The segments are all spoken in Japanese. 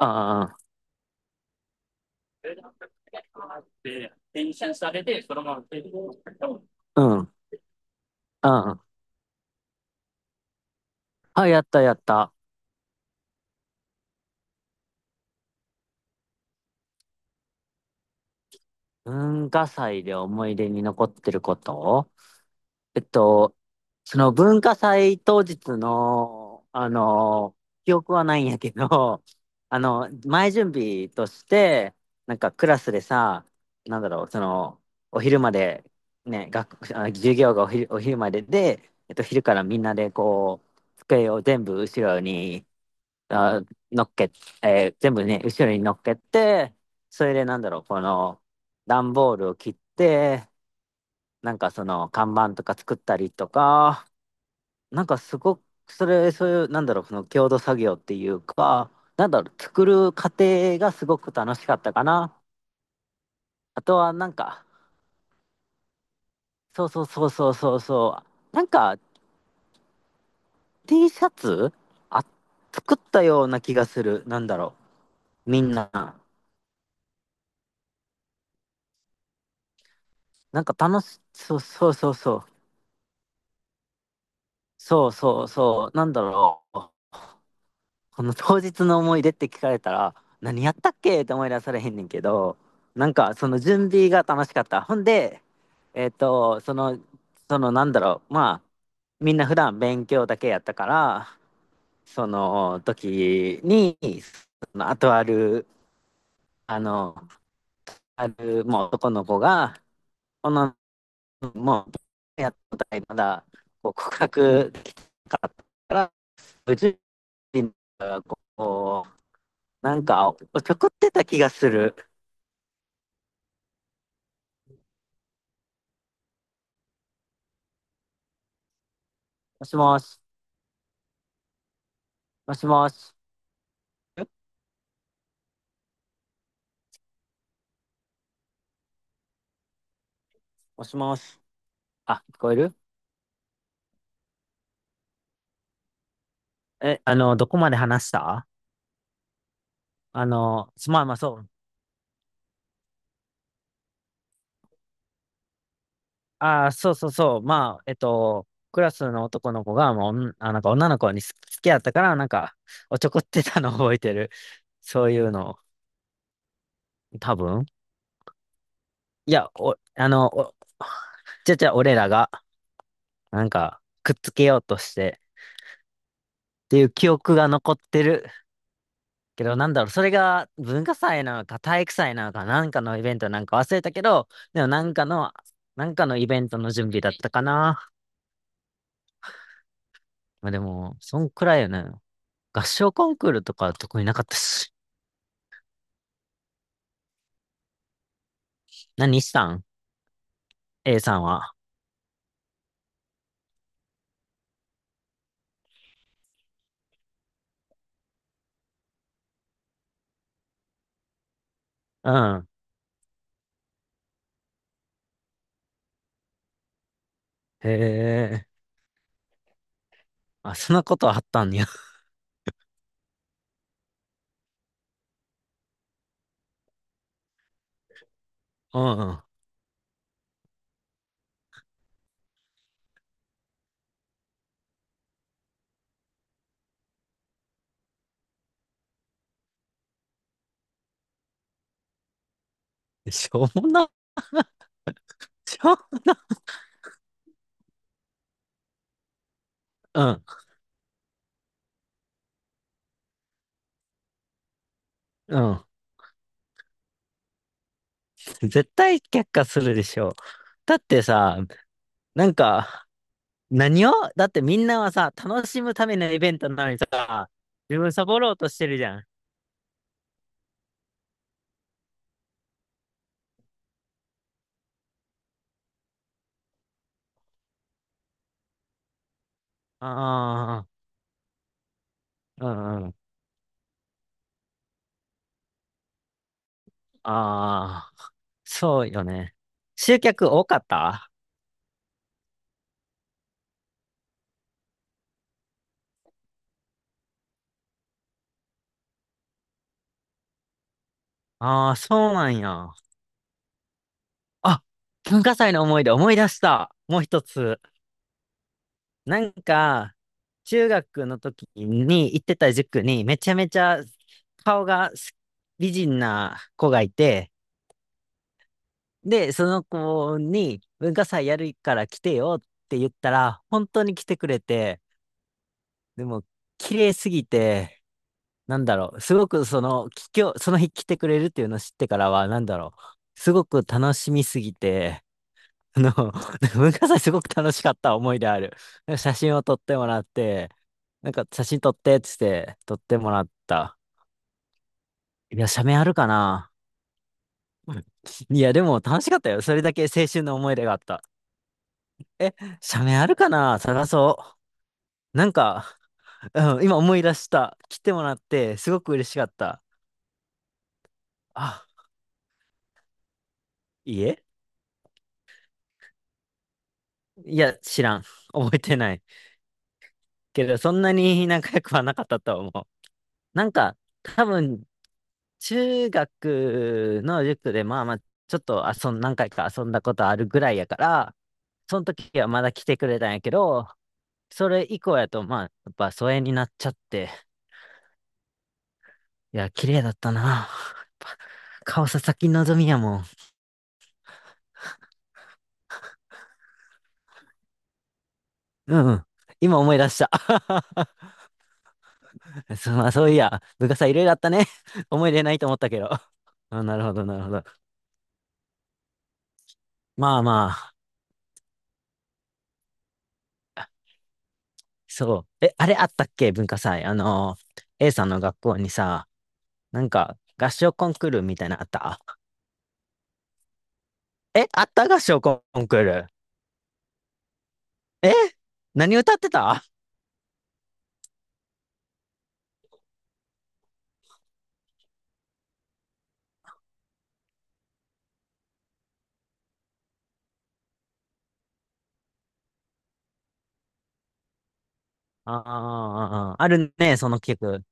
あで、転写されて、そのままテレビを撮ったもん。あ、うん、うん。あ、やったやった。文化祭で思い出に残ってること。えっと、その文化祭当日の、記憶はないんやけど、前準備として、なんかクラスでさ、なんだろう、その、お昼まで、ね、授業がお昼までで、昼からみんなでこう、机を全部後ろに、あ、乗っけ、全部ね、後ろに乗っけて、それでなんだろう、この、段ボールを切って、なんかその看板とか作ったりとか、なんかすごく、そういう、なんだろう、その共同作業っていうか、なんだろう、作る過程がすごく楽しかったかな。あとはなんか、そうそうそうそうそうそう、なんか T シャツあ、作ったような気がする。なんだろう、みんな。なんか楽し、そうそうそうそう、そうそうそう、なんだろう。この当日の思い出って聞かれたら、何やったっけって思い出されへんねんけど、なんかその準備が楽しかった。ほんで、えっと、その、そのなんだろう、まあ、みんな普段勉強だけやったから、その時に、そのあとある、あの、ある、もう男の子が、この、もう、やったことないまだ、こう告白できなかったから、無事に、こう、なんか、おちょくってた気がする。もしもし、もしもし。えもしもし。あ、聞こえる？え、あの、どこまで話した？すまあまあそう。ああ、そうそうそう。まあ、クラスの男の子が、もう、おんあ、なんか女の子に好き好きやったから、なんか、おちょこってたのを覚えてる。そういうの、多分。いや、お、あの、お、じゃじゃ俺らが、なんか、くっつけようとして、っていう記憶が残ってるけど、なんだろう、それが文化祭なのか体育祭なのかなんかのイベントなんか忘れたけど、でもなんかのイベントの準備だったかな。まあでも、そんくらいよね。合唱コンクールとか特になかったし。何したん？ A さんは。うん。へえ。あ、そんなことあったんや。うんうん。しょうもな。しょう、うん。うん。絶対却下するでしょ。だってさ、なんか、だってみんなはさ、楽しむためのイベントなのにさ、自分サボろうとしてるじゃん。ああ、うんうん。ああ、そうよね。集客多かった？ああー、そうなんや。あ、文化祭の思い出思い出した。もう一つ。なんか、中学の時に行ってた塾にめちゃめちゃ顔が美人な子がいて、で、その子に文化祭やるから来てよって言ったら、本当に来てくれて、でも、綺麗すぎて、なんだろう、すごくその、その日来てくれるっていうのを知ってからは、なんだろう、すごく楽しみすぎて、あの、文化祭すごく楽しかった思いである。写真を撮ってもらって、なんか写真撮ってって言って撮ってもらった。いや、写メあるかな？いや、でも楽しかったよ。それだけ青春の思い出があった。え、写メあるかな、探そう。なんか、うん、今思い出した。来てもらって、すごく嬉しかった。あ、いいえ。いや、知らん。覚えてない。けど、そんなに 仲良くはなかったと思う。なんか、多分、中学の塾で、まあまあ、ちょっと遊ん、何回か遊んだことあるぐらいやから、その時はまだ来てくれたんやけど、それ以降やと、まあ、やっぱ疎遠になっちゃって、いや、綺麗だったな。やっぱ顔さ、先望みやもん。うんうん。今思い出した。そう、まあそういや、部活はいろいろあったね。思い出ないと思ったけど。あ、なるほど、なるほど。まあまあ、そう。え、あれあったっけ文化祭。A さんの学校にさ、なんか、合唱コンクールみたいなのあった？え、あった合唱コンクール？え、何歌ってた？ああ、ああー、あるね、その曲。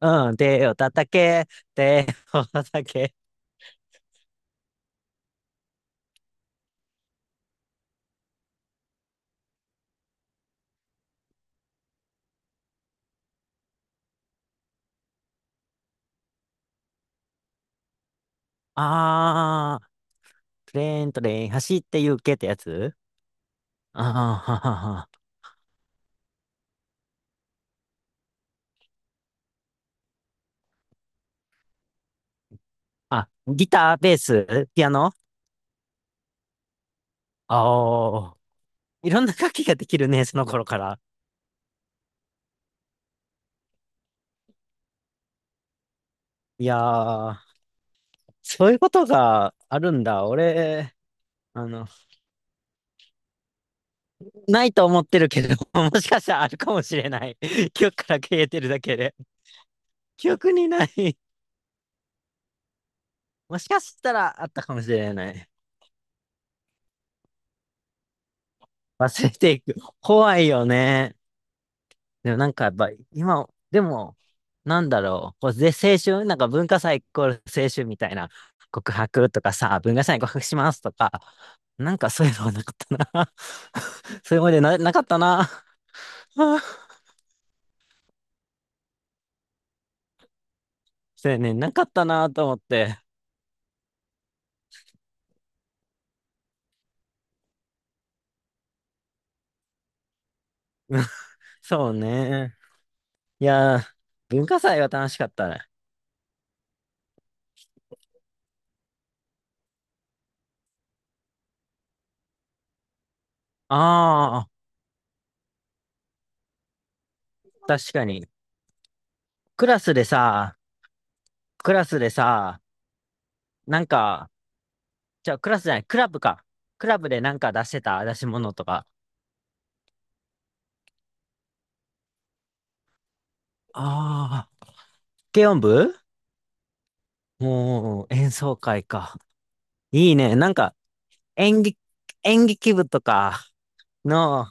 うん、手を叩け、手を叩け。ああ、プレーントレイン走って行けってやつ？ああ、ははは。あ、ギター、ベース、ピアノ？ああー、いろんな楽器ができるね、その頃から。いやー、そういうことがあるんだ。俺、あの、ないと思ってるけど、もしかしたらあるかもしれない。記憶から消えてるだけで。記憶にない。もしかしたらあったかもしれない。忘れていく。怖いよね。でもなんかやっぱ今、でも、なんだろう、こうで青春、なんか文化祭イコール青春みたいな、告白とかさ、文化祭に告白しますとか、なんかそういうのはなかったな。そういう思い出な、なかったな。そうやね、なかったなと思って。そうね。いやー、文化祭は楽しかったね。ああ、確かに。クラスでさ、クラスでさ、なんか、じゃあクラスじゃない、クラブか。クラブでなんか出してた出し物とか。ああ、軽音部？もう、演奏会か。いいね。なんか、演劇、演劇部とかの、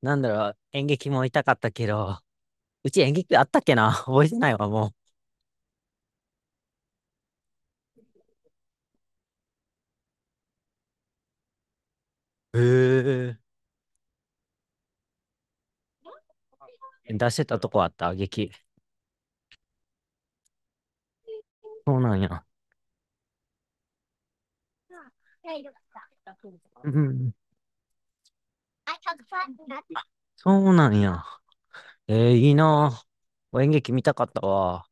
なんだろう、演劇もいたかったけど、うち演劇部あったっけな覚えてないわ、もう。へえ。出してたとこあった？劇？そうなんや。うん、そうなんや。いいなぁ。演劇見たかったわ。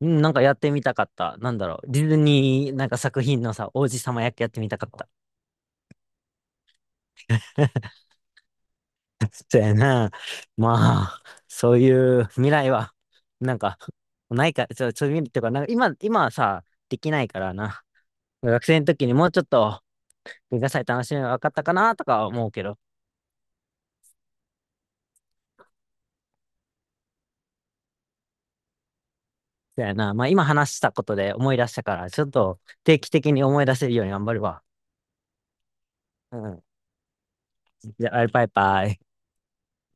うん、なんかやってみたかった。なんだろう。ディズニー、なんか作品のさ、王子様役やってみたかった。そうやな。まあ、そういう未来は、なんか、ないか、そう、そういう未来っていうか、なんか今はさ、できないからな。学生の時にもうちょっと、文化祭楽しみが分かったかなとかは思うけど。そうやな。まあ今話したことで思い出したから、ちょっと定期的に思い出せるように頑張るわ。うん。じゃあ、バイバイ。